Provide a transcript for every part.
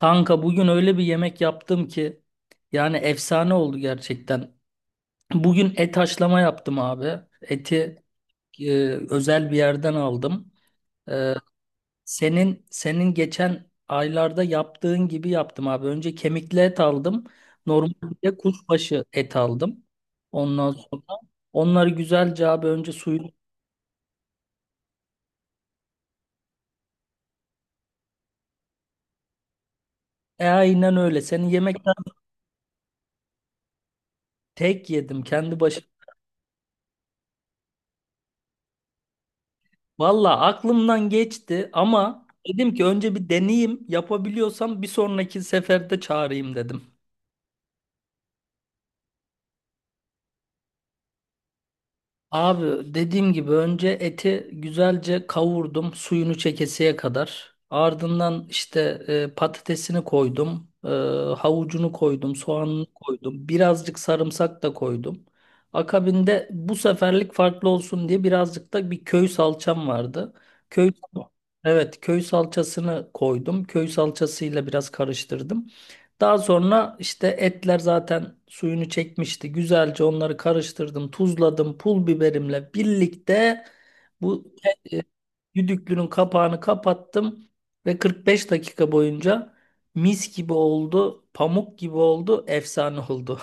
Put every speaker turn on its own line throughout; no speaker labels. Kanka bugün öyle bir yemek yaptım ki yani efsane oldu gerçekten. Bugün et haşlama yaptım abi. Eti e, özel bir yerden aldım. E, senin geçen aylarda yaptığın gibi yaptım abi. Önce kemikli et aldım. Normalde kuşbaşı et aldım. Ondan sonra onları güzelce abi önce suyunu. Aynen öyle. Senin yemekten tek yedim. Kendi başıma. Valla aklımdan geçti ama dedim ki önce bir deneyeyim yapabiliyorsam bir sonraki seferde çağırayım dedim. Abi dediğim gibi önce eti güzelce kavurdum suyunu çekesiye kadar. Ardından işte patatesini koydum, havucunu koydum, soğanını koydum, birazcık sarımsak da koydum. Akabinde bu seferlik farklı olsun diye birazcık da bir köy salçam vardı. Köy, evet, köy salçasını koydum. Köy salçasıyla biraz karıştırdım. Daha sonra işte etler zaten suyunu çekmişti. Güzelce onları karıştırdım, tuzladım, pul biberimle birlikte bu e, e, düdüklünün kapağını kapattım ve 45 dakika boyunca mis gibi oldu, pamuk gibi oldu, efsane oldu.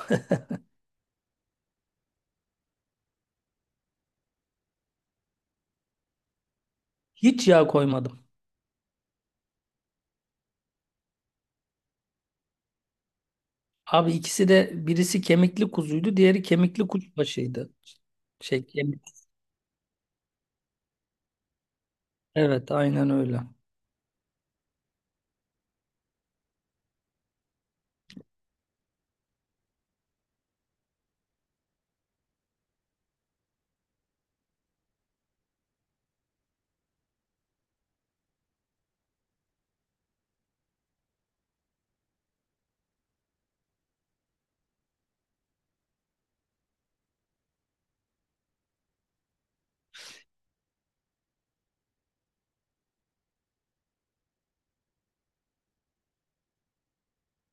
Hiç yağ koymadım. Abi ikisi de birisi kemikli kuzuydu, diğeri kemikli kuşbaşıydı. Şey, kemik. Evet, aynen öyle.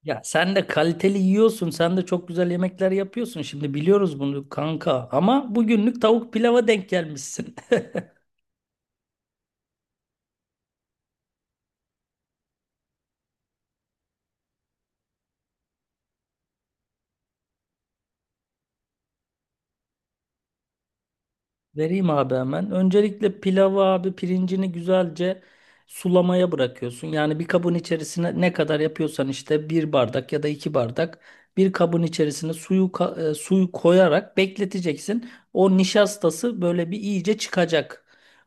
Ya sen de kaliteli yiyorsun, sen de çok güzel yemekler yapıyorsun. Şimdi biliyoruz bunu kanka ama bugünlük tavuk pilava denk gelmişsin. Vereyim abi hemen. Öncelikle pilavı abi pirincini güzelce sulamaya bırakıyorsun. Yani bir kabın içerisine ne kadar yapıyorsan işte bir bardak ya da iki bardak bir kabın içerisine suyu koyarak bekleteceksin. O nişastası böyle bir iyice çıkacak.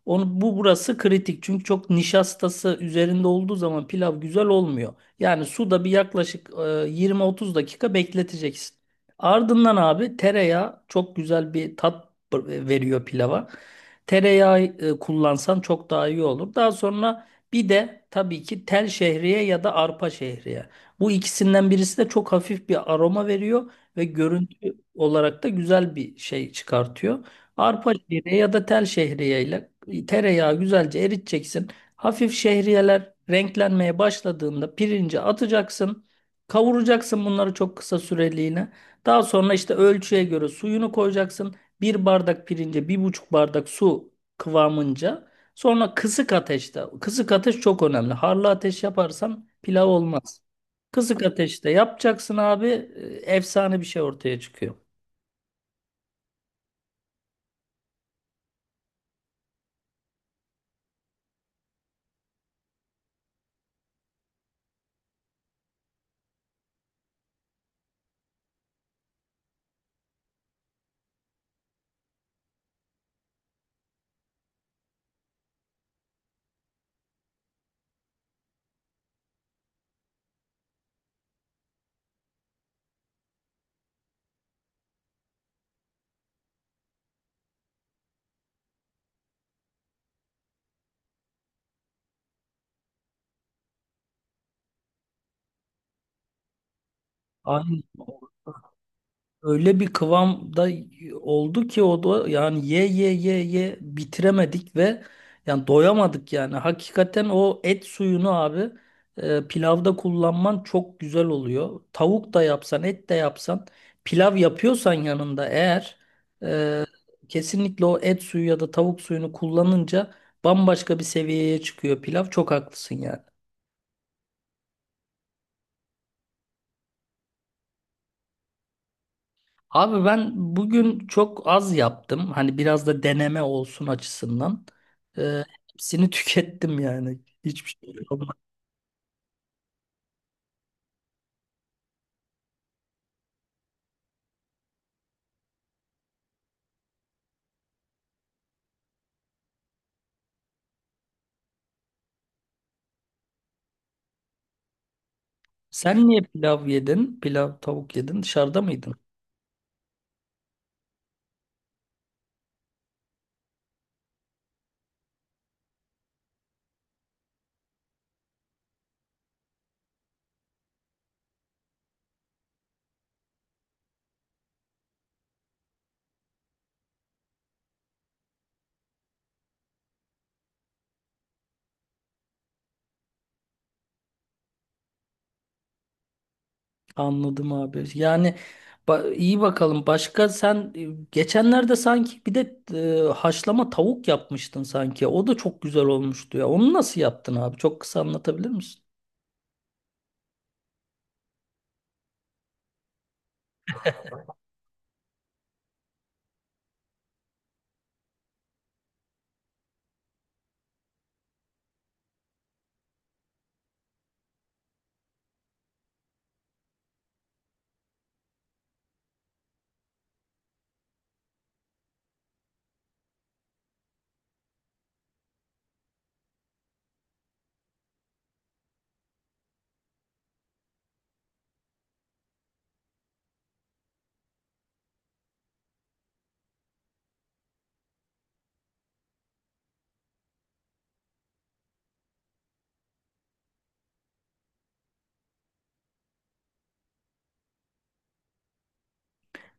Onu, bu burası kritik çünkü çok nişastası üzerinde olduğu zaman pilav güzel olmuyor. Yani suda bir yaklaşık 20-30 dakika bekleteceksin. Ardından abi tereyağı çok güzel bir tat veriyor pilava. Tereyağı kullansan çok daha iyi olur. Daha sonra bir de tabii ki tel şehriye ya da arpa şehriye. Bu ikisinden birisi de çok hafif bir aroma veriyor ve görüntü olarak da güzel bir şey çıkartıyor. Arpa şehriye ya da tel şehriye ile tereyağı güzelce eriteceksin. Hafif şehriyeler renklenmeye başladığında pirinci atacaksın. Kavuracaksın bunları çok kısa süreliğine. Daha sonra işte ölçüye göre suyunu koyacaksın, bir bardak pirince bir buçuk bardak su kıvamınca, sonra kısık ateşte, kısık ateş çok önemli. Harlı ateş yaparsan pilav olmaz. Kısık ateşte yapacaksın abi, efsane bir şey ortaya çıkıyor. Aynen. Öyle bir kıvamda oldu ki o da, yani ye ye ye ye bitiremedik ve yani doyamadık yani. Hakikaten o et suyunu abi pilavda kullanman çok güzel oluyor. Tavuk da yapsan, et de yapsan, pilav yapıyorsan yanında, eğer e, kesinlikle o et suyu ya da tavuk suyunu kullanınca bambaşka bir seviyeye çıkıyor pilav. Çok haklısın yani. Abi ben bugün çok az yaptım. Hani biraz da deneme olsun açısından. Ee, hepsini tükettim yani. Hiçbir şey kalmadı. Sen niye pilav yedin? Pilav, tavuk yedin. Dışarıda mıydın? Anladım abi. Yani iyi bakalım. Başka sen geçenlerde sanki bir de haşlama tavuk yapmıştın sanki. O da çok güzel olmuştu ya. Onu nasıl yaptın abi? Çok kısa anlatabilir misin?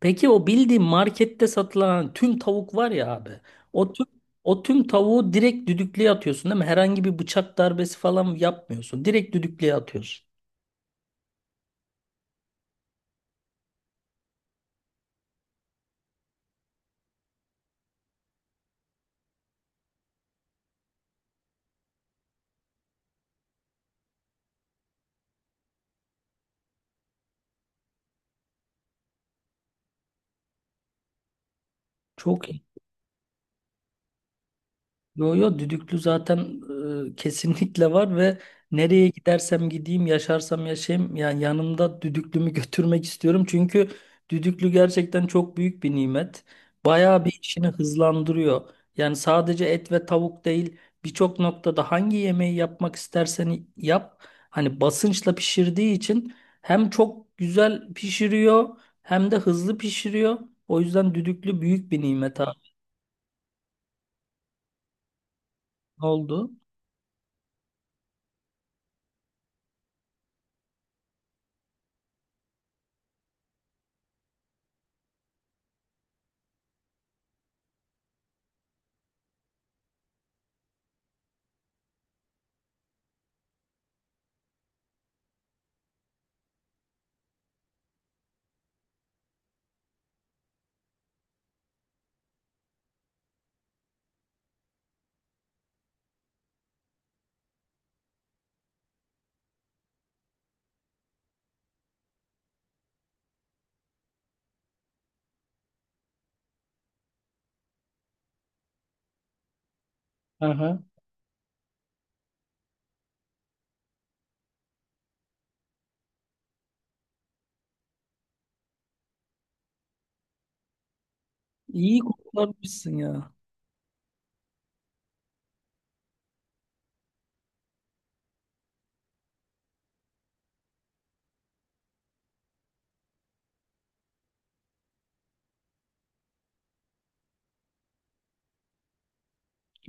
Peki o bildiğin markette satılan tüm tavuk var ya abi. O tüm o tüm tavuğu direkt düdüklüye atıyorsun değil mi? Herhangi bir bıçak darbesi falan yapmıyorsun. Direkt düdüklüye atıyorsun. Çok Yo yo, düdüklü zaten kesinlikle var ve nereye gidersem gideyim, yaşarsam yaşayayım yani yanımda düdüklümü götürmek istiyorum. Çünkü düdüklü gerçekten çok büyük bir nimet. Bayağı bir işini hızlandırıyor. Yani sadece et ve tavuk değil, birçok noktada hangi yemeği yapmak istersen yap. Hani basınçla pişirdiği için hem çok güzel pişiriyor hem de hızlı pişiriyor. O yüzden düdüklü büyük bir nimet abi. Ne oldu? Aha. İyi kurtarmışsın ya.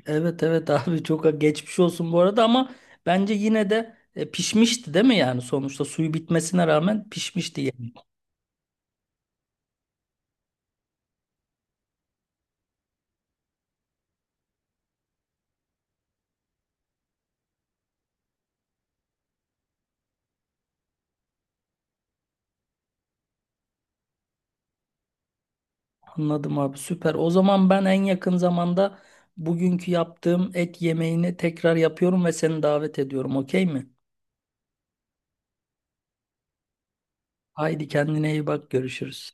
Evet, evet, abi çok geçmiş olsun bu arada, ama bence yine de, pişmişti değil mi, yani sonuçta suyu bitmesine rağmen pişmişti yani. Anladım abi, süper. O zaman ben en yakın zamanda bugünkü yaptığım et yemeğini tekrar yapıyorum ve seni davet ediyorum, okey mi? Haydi, kendine iyi bak, görüşürüz.